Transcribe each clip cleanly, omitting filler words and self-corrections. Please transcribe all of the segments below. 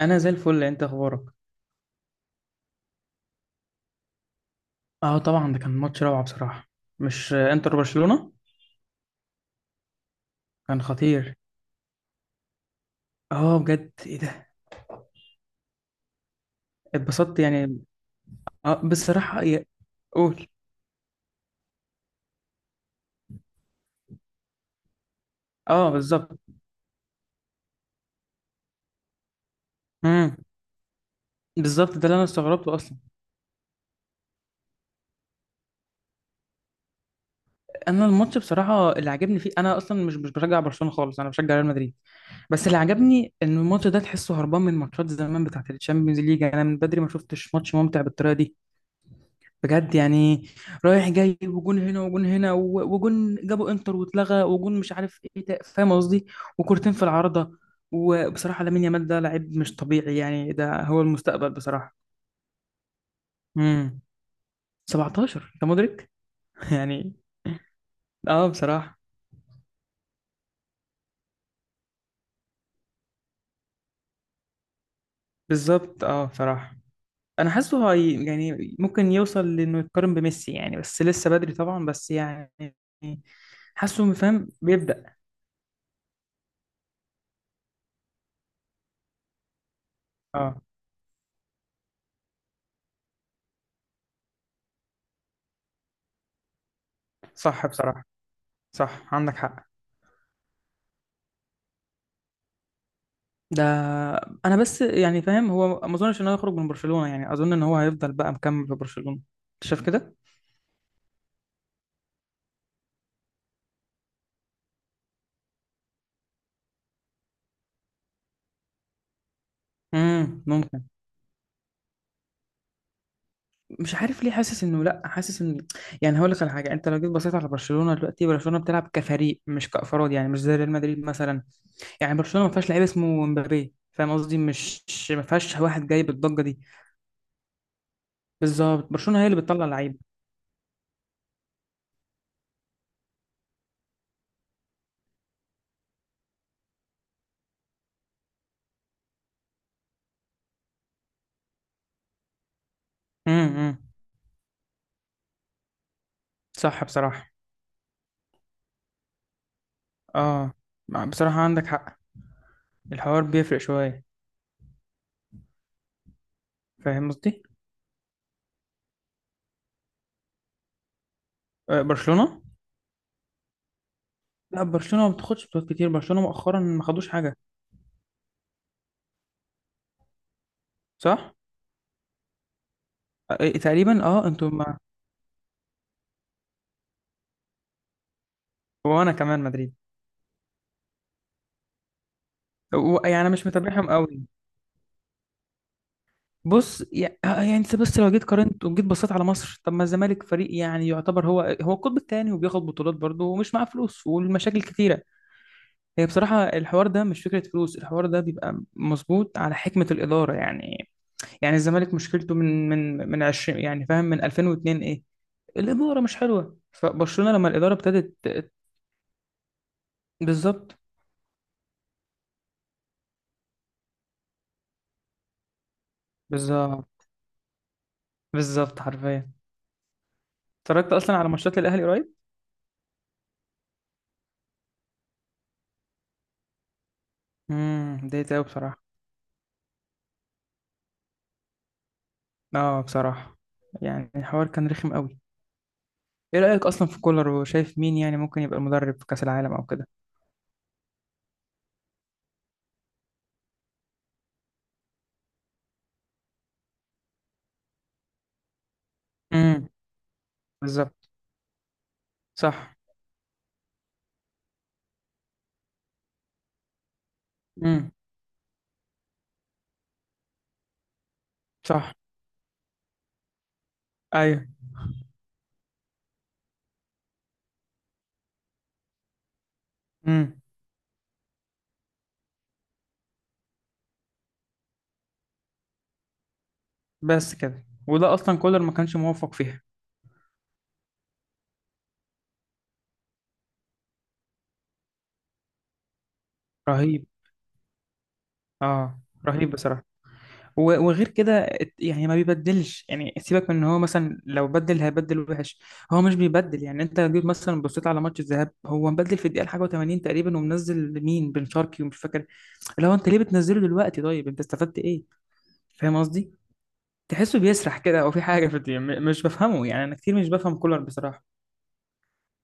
انا زي الفل. انت اخبارك؟ اه طبعا ده كان ماتش روعه بصراحه. مش انتر برشلونه. كان خطير. اه بجد، ايه ده؟ اتبسطت يعني. اه بصراحه قول. اه بالظبط. امم. بالظبط ده اللي انا استغربته اصلا. انا الماتش بصراحه اللي عجبني فيه، انا اصلا مش بشجع برشلونه خالص، انا بشجع ريال مدريد. بس اللي عجبني ان الماتش ده تحسه هربان من ماتشات زمان بتاعه الشامبيونز ليج، يعني انا من بدري ما شفتش ماتش ممتع بالطريقه دي. بجد يعني. رايح جاي، وجون هنا وجون هنا وجون جابوا انتر واتلغى وجون مش عارف ايه فاهم قصدي. وكورتين في العارضة. وبصراحة لامين يامال ده لعيب مش طبيعي، يعني ده هو المستقبل بصراحة. امم. 17، انت مدرك؟ يعني. اه بصراحة. بالظبط، اه بصراحة. انا حاسه هي يعني ممكن يوصل لانه يتقارن بميسي يعني، بس لسه بدري طبعا، بس يعني. حاسه فاهم بيبدأ. اه. صح بصراحة. صح، عندك حق. ده انا بس يعني فاهم هو ما اظنش ان هو يخرج من برشلونة، يعني اظن ان هو هيفضل بقى مكمل في برشلونة. انت شايف كده؟ امم، ممكن. مش عارف ليه حاسس انه لا، حاسس ان يعني هقول لك على حاجه، انت لو جيت بصيت على برشلونه دلوقتي، برشلونه بتلعب كفريق مش كافراد، يعني مش زي ريال مدريد مثلا. يعني برشلونه ما فيهاش لعيب اسمه مبابي، فاهم قصدي؟ مش ما فيهاش واحد جاي بالضجه دي. بالظبط، برشلونه هي اللي بتطلع لعيب. امم. صح بصراحه. اه بصراحه عندك حق. الحوار بيفرق شويه. فاهم قصدي. برشلونه. لا، برشلونة ما بتاخدش بطولات كتير، برشلونة مؤخرا ما خدوش حاجة. صح؟ تقريبا. اه انتوا ما وانا كمان مدريد. يعني انا مش متابعهم قوي. بص يعني انت بس لو جيت قارنت وجيت بصيت على مصر، طب ما الزمالك فريق يعني يعتبر هو هو القطب الثاني، وبياخد بطولات برضه ومش معاه فلوس، والمشاكل كتيرة. هي بصراحة الحوار ده مش فكرة فلوس، الحوار ده بيبقى مظبوط على حكمة الإدارة يعني. يعني الزمالك مشكلته من 20، يعني فاهم، من 2002 ايه. الإدارة مش حلوة، فبرشلونة لما الإدارة ابتدت. بالظبط. بالظبط. بالظبط حرفيا. اتفرجت اصلا على ماتشات الاهلي قريب. امم. اتضايقت قوي بصراحه. اه بصراحه. يعني الحوار كان رخم قوي. ايه رايك اصلا في كولر؟ وشايف مين يعني ممكن يبقى المدرب في كاس العالم او كده؟ امم. بالظبط. صح. امم. صح. ايوه. امم. بس كده. وده اصلا كولر ما كانش موفق فيها. رهيب. اه، رهيب بصراحه. وغير كده يعني ما بيبدلش، يعني سيبك من ان هو مثلا لو بدل هيبدل وحش. هو مش بيبدل، يعني انت لو جيت مثلا بصيت على ماتش الذهاب، هو مبدل في الدقيقه حاجه و80 تقريبا، ومنزل مين بن شرقي ومش فاكر. اللي هو انت ليه بتنزله دلوقتي؟ طيب انت استفدت ايه؟ فاهم قصدي. تحسه بيسرح كده، او في حاجه في الدنيا مش بفهمه، يعني انا كتير مش بفهم كولر بصراحه.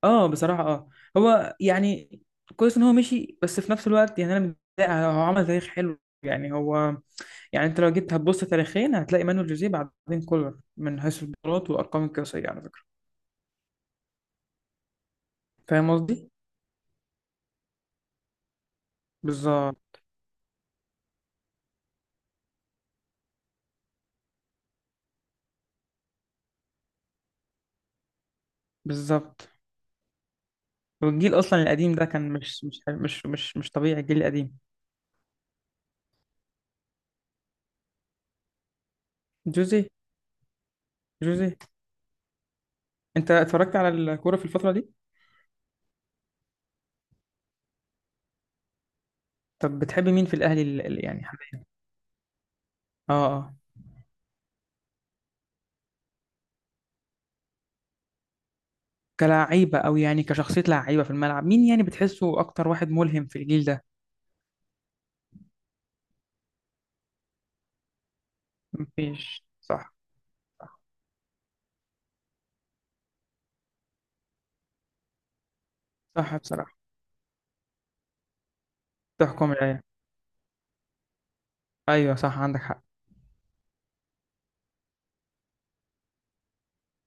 اه بصراحه، اه. هو يعني كويس ان هو مشي، بس في نفس الوقت يعني انا متضايق، هو عمل تاريخ حلو يعني هو. يعني انت لو جيت هتبص تاريخيا هتلاقي مانويل جوزيه بعدين كولر، من حيث البطولات والارقام القياسيه على فكره. فاهم قصدي. بالظبط. بالظبط. والجيل اصلا القديم ده كان مش طبيعي، الجيل القديم. جوزيه. جوزيه. انت اتفرجت على الكوره في الفتره دي؟ طب بتحب مين في الاهلي يعني حاليا؟ اه، اه. كلاعيبه او يعني كشخصيه لعيبه في الملعب، مين يعني بتحسه اكتر واحد ملهم في الجيل ده؟ مفيش، صح. صح. صح بصراحه. تحكم العين. ايوه، صح، عندك حق.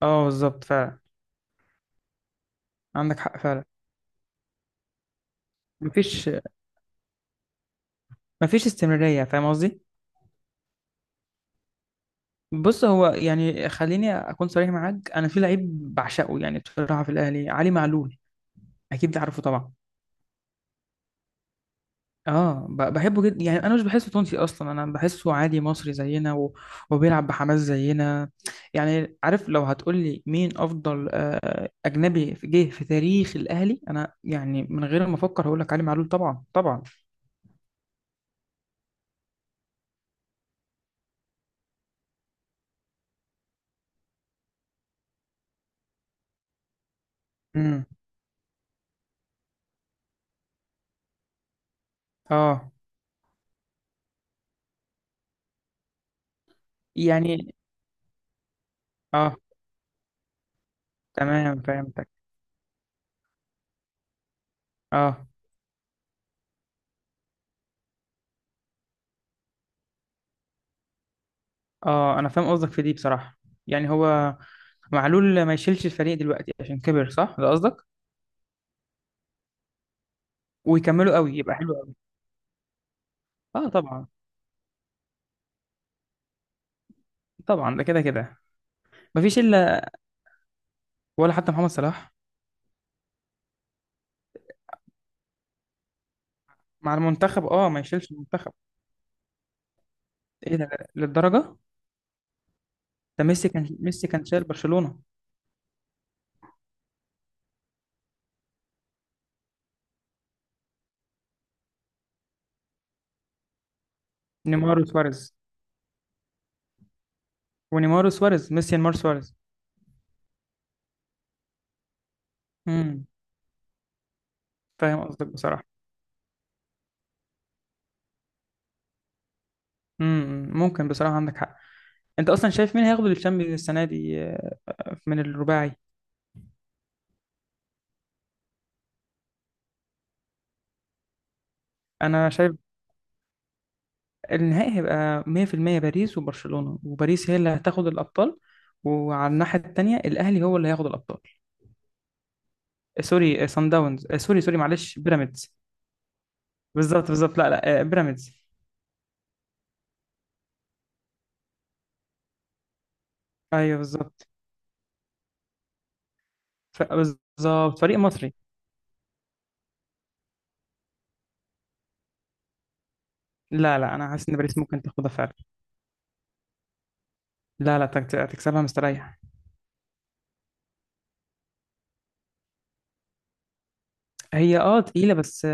اه بالظبط فعلا. عندك حق فعلا. مفيش. مفيش استمرارية، فاهم قصدي؟ بص، هو يعني خليني أكون صريح معاك، أنا في لعيب بعشقه يعني بصراحة في الأهلي، علي معلول. أكيد عارفه طبعا. اه بحبه جدا، يعني انا مش بحسه تونسي اصلا، انا بحسه عادي مصري زينا و... وبيلعب بحماس زينا. يعني عارف لو هتقول لي مين افضل اجنبي جه في تاريخ الاهلي، انا يعني من غير ما افكر هقول لك علي معلول طبعا، طبعا. امم. اه. يعني اه. تمام، فهمتك. اه، اه، انا فاهم قصدك في دي بصراحه. يعني هو معلول ما يشيلش الفريق دلوقتي عشان كبر، صح ده قصدك؟ ويكملوا قوي يبقى حلو قوي. اه طبعا. طبعا ده كده كده. مفيش الا. ولا حتى محمد صلاح. مع المنتخب، اه ما يشيلش المنتخب. ايه ده؟ للدرجه؟ ده ميسي كان، ميسي كان شايل برشلونه. نيمار وسواريز. ونيمار وسواريز، ميسي نيمار سواريز. امم. فاهم قصدك بصراحه. امم، ممكن بصراحه، عندك حق. انت اصلا شايف مين هياخد الشامبيونز السنه دي من الرباعي؟ انا شايف النهائي هيبقى 100% باريس وبرشلونة، وباريس هي اللي هتاخد الأبطال. وعلى الناحية التانية الأهلي هو اللي هياخد الأبطال. سوري، سان داونز، آه، سوري سوري معلش، بيراميدز. بالظبط. بالظبط. لا لا، بيراميدز. أيوه بالظبط. بالظبط، فريق مصري. لا لا، أنا حاسس إن باريس ممكن تاخدها فعلا. لا لا، هتكسبها مستريح. هي أه تقيلة بس.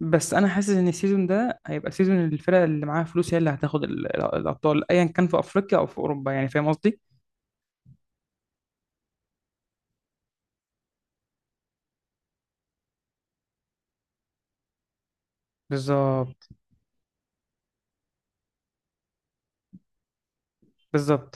بس أنا حاسس إن السيزون ده هيبقى سيزون الفرق اللي معاها فلوس هي اللي هتاخد الأبطال، أيا كان في أفريقيا أو في أوروبا، يعني فاهم قصدي؟ بالظبط. بالظبط.